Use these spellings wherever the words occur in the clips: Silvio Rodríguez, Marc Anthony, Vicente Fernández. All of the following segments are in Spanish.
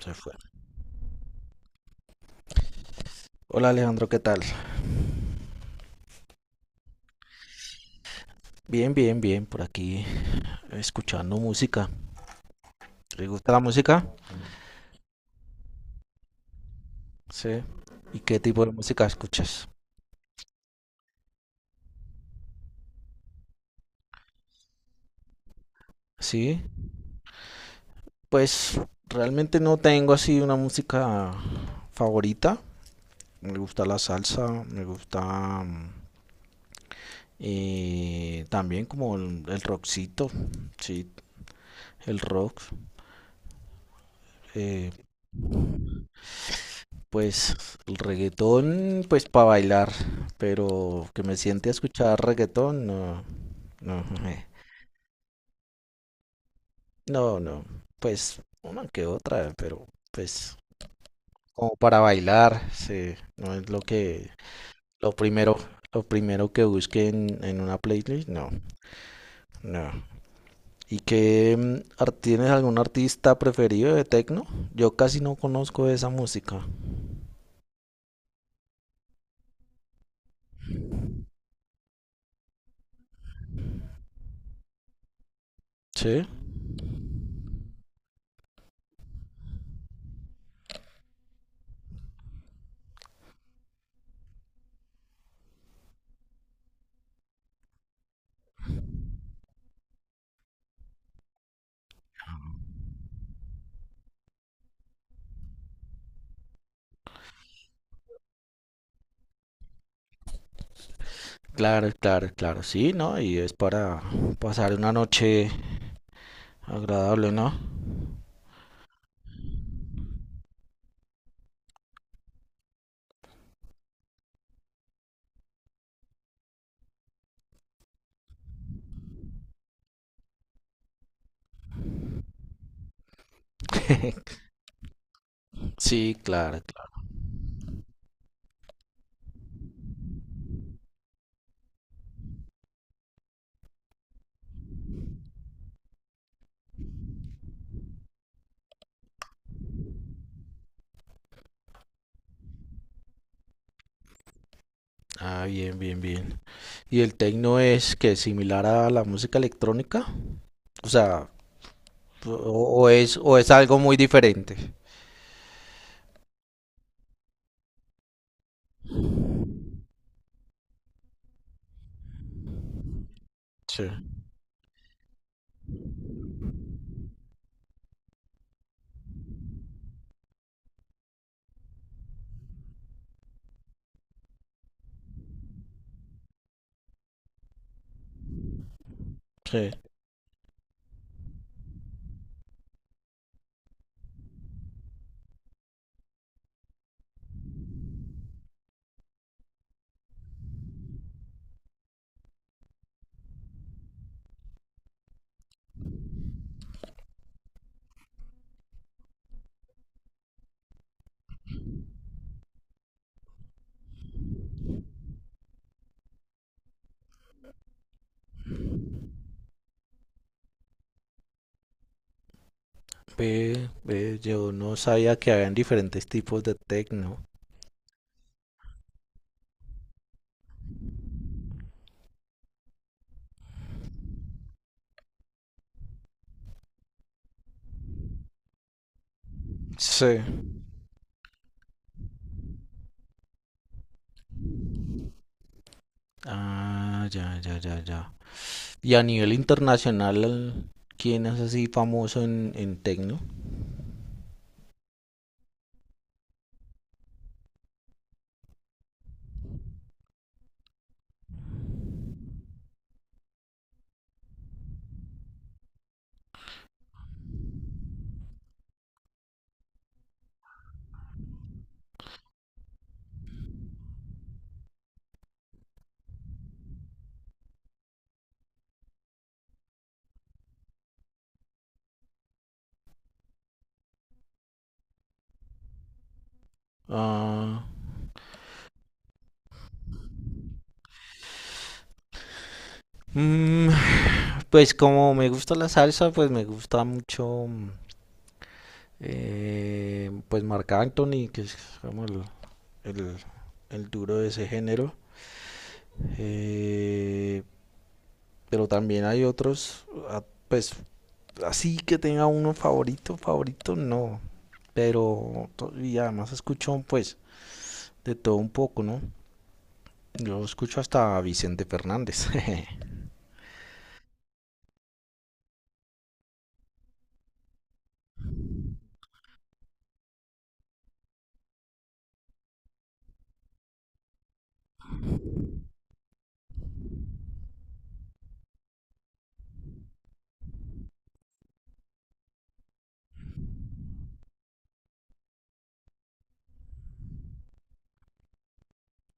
Se fue. Hola Alejandro, ¿qué tal? Bien, bien, bien, por aquí escuchando música. ¿Te gusta la música? Sí. ¿Y qué tipo de música escuchas? Sí, pues realmente no tengo así una música favorita. Me gusta la salsa, me gusta mm, también como el rockcito, sí, el rock. eh, Pues el reggaetón, pues para bailar, pero que me siente a escuchar reggaetón, no, no, no, no, pues una que otra, pero pues como para bailar, sí, no es lo que, lo primero, lo primero que busque en una playlist, no, no. ¿Y qué tienes algún artista preferido de techno? Yo casi no conozco esa música. Sí, claro, claro, claro, sí, ¿no? Y es para pasar una noche agradable, ¿no? Sí, claro, claro. Ah, bien, bien, bien. ¿Y el techno es que similar a la música electrónica? O sea, o es algo muy diferente. Sí, sí. Ve, ve, yo no sabía que habían diferentes tipos de techno. Sí. Ah, ya, ya, ya, ya. Y a nivel internacional, ¿quién es así famoso en techno? Ah, Mm, pues como me gusta la salsa, pues me gusta mucho pues Marc Anthony, que es como el- el duro de ese género. Eh, pero también hay otros, ah, pues así que tenga uno favorito, favorito, no. Pero y además escucho pues de todo un poco, ¿no? Yo escucho hasta a Vicente Fernández.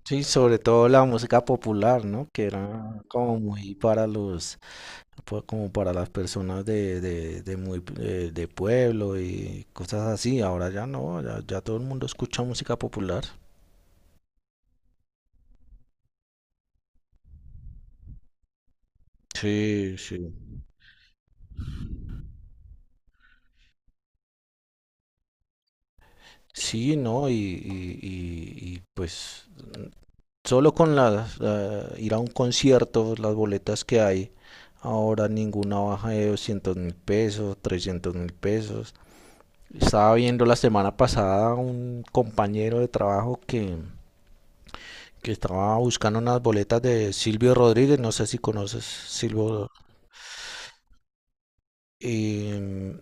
Sí, sobre todo la música popular, ¿no? Que era como muy para los como para las personas de muy de pueblo y cosas así. Ahora ya no, ya, ya todo el mundo escucha música popular. Sí, sí. Sí, no, pues solo con ir a un concierto, las boletas que hay, ahora ninguna baja de 200 mil pesos, 300 mil pesos. Estaba viendo la semana pasada un compañero de trabajo que estaba buscando unas boletas de Silvio Rodríguez, no sé si conoces Silvio, em,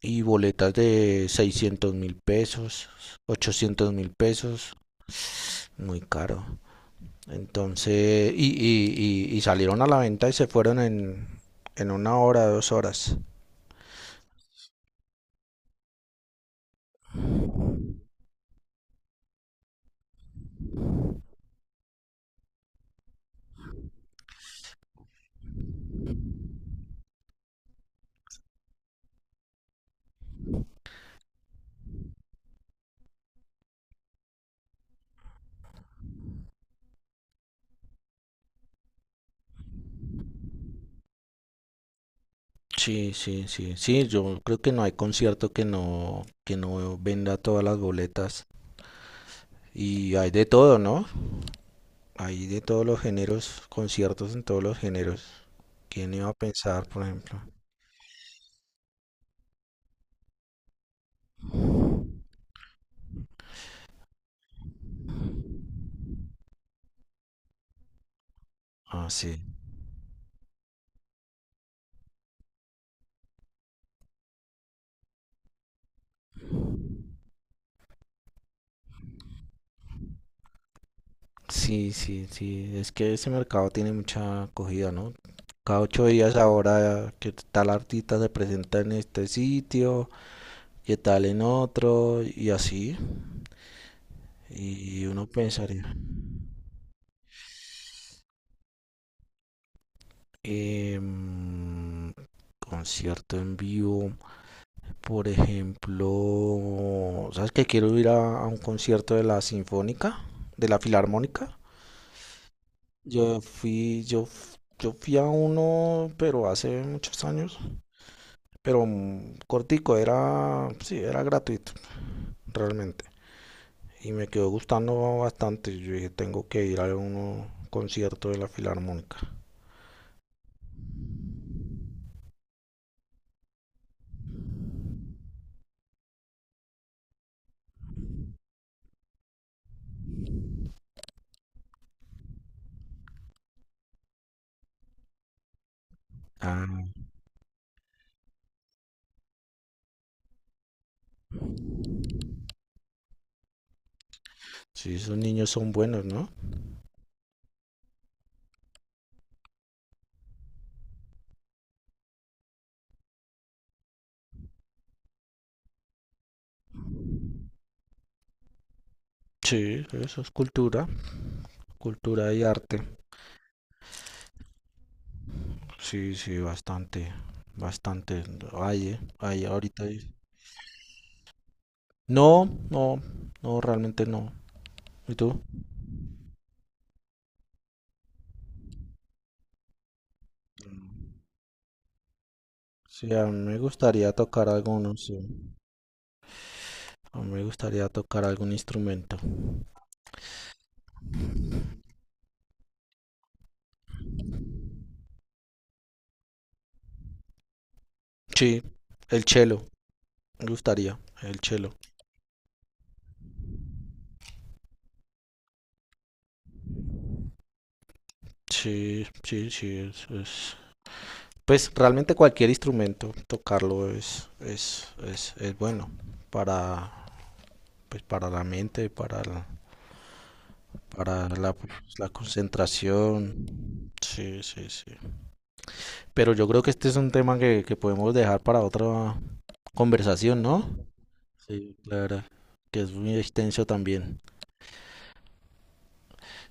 y boletas de 600 mil pesos, 800 mil pesos, muy caro. Entonces, y salieron a la venta y se fueron en una hora, dos horas. Sí, sí, sí, sí, yo creo que no hay concierto que no venda todas las boletas. Y hay de todo, ¿no? Hay de todos los géneros, conciertos en todos los géneros. ¿Quién iba a pensar, por ejemplo? Ah, sí. Sí, sí, sí. Es que ese mercado tiene mucha acogida, ¿no? Cada ocho días ahora que tal artista se presenta en este sitio y tal en otro y así. Y uno pensaría, em, concierto en vivo, por ejemplo, ¿sabes que quiero ir a un concierto de la Sinfónica, de la Filarmónica? Yo fui a uno, pero hace muchos años, pero cortico, era, sí, era gratuito, realmente. Y me quedó gustando bastante. Yo dije, tengo que ir a un concierto de la Filarmónica. Ah, sí, esos niños son buenos, ¿no? Sí, eso es cultura, cultura y arte. Sí, sí, bastante, bastante. Hay, hay ahorita. No, no, no, realmente no. ¿Y tú? Sí, a mí me gustaría tocar alguno, sí. A mí me gustaría tocar algún instrumento. Sí, el cello, me gustaría, el cello. Sí, sí, sí, pues realmente cualquier instrumento, tocarlo es bueno para, pues, para la mente, para la, pues, la concentración. Sí, sí, sí. Pero yo creo que este es un tema que podemos dejar para otra conversación, ¿no? Sí, claro, que es muy extenso también.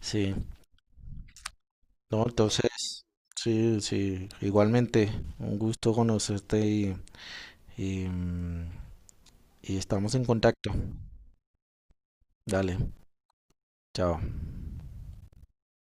Sí, no, entonces, sí, sí, igualmente, un gusto conocerte y, y estamos en contacto. Dale, chao.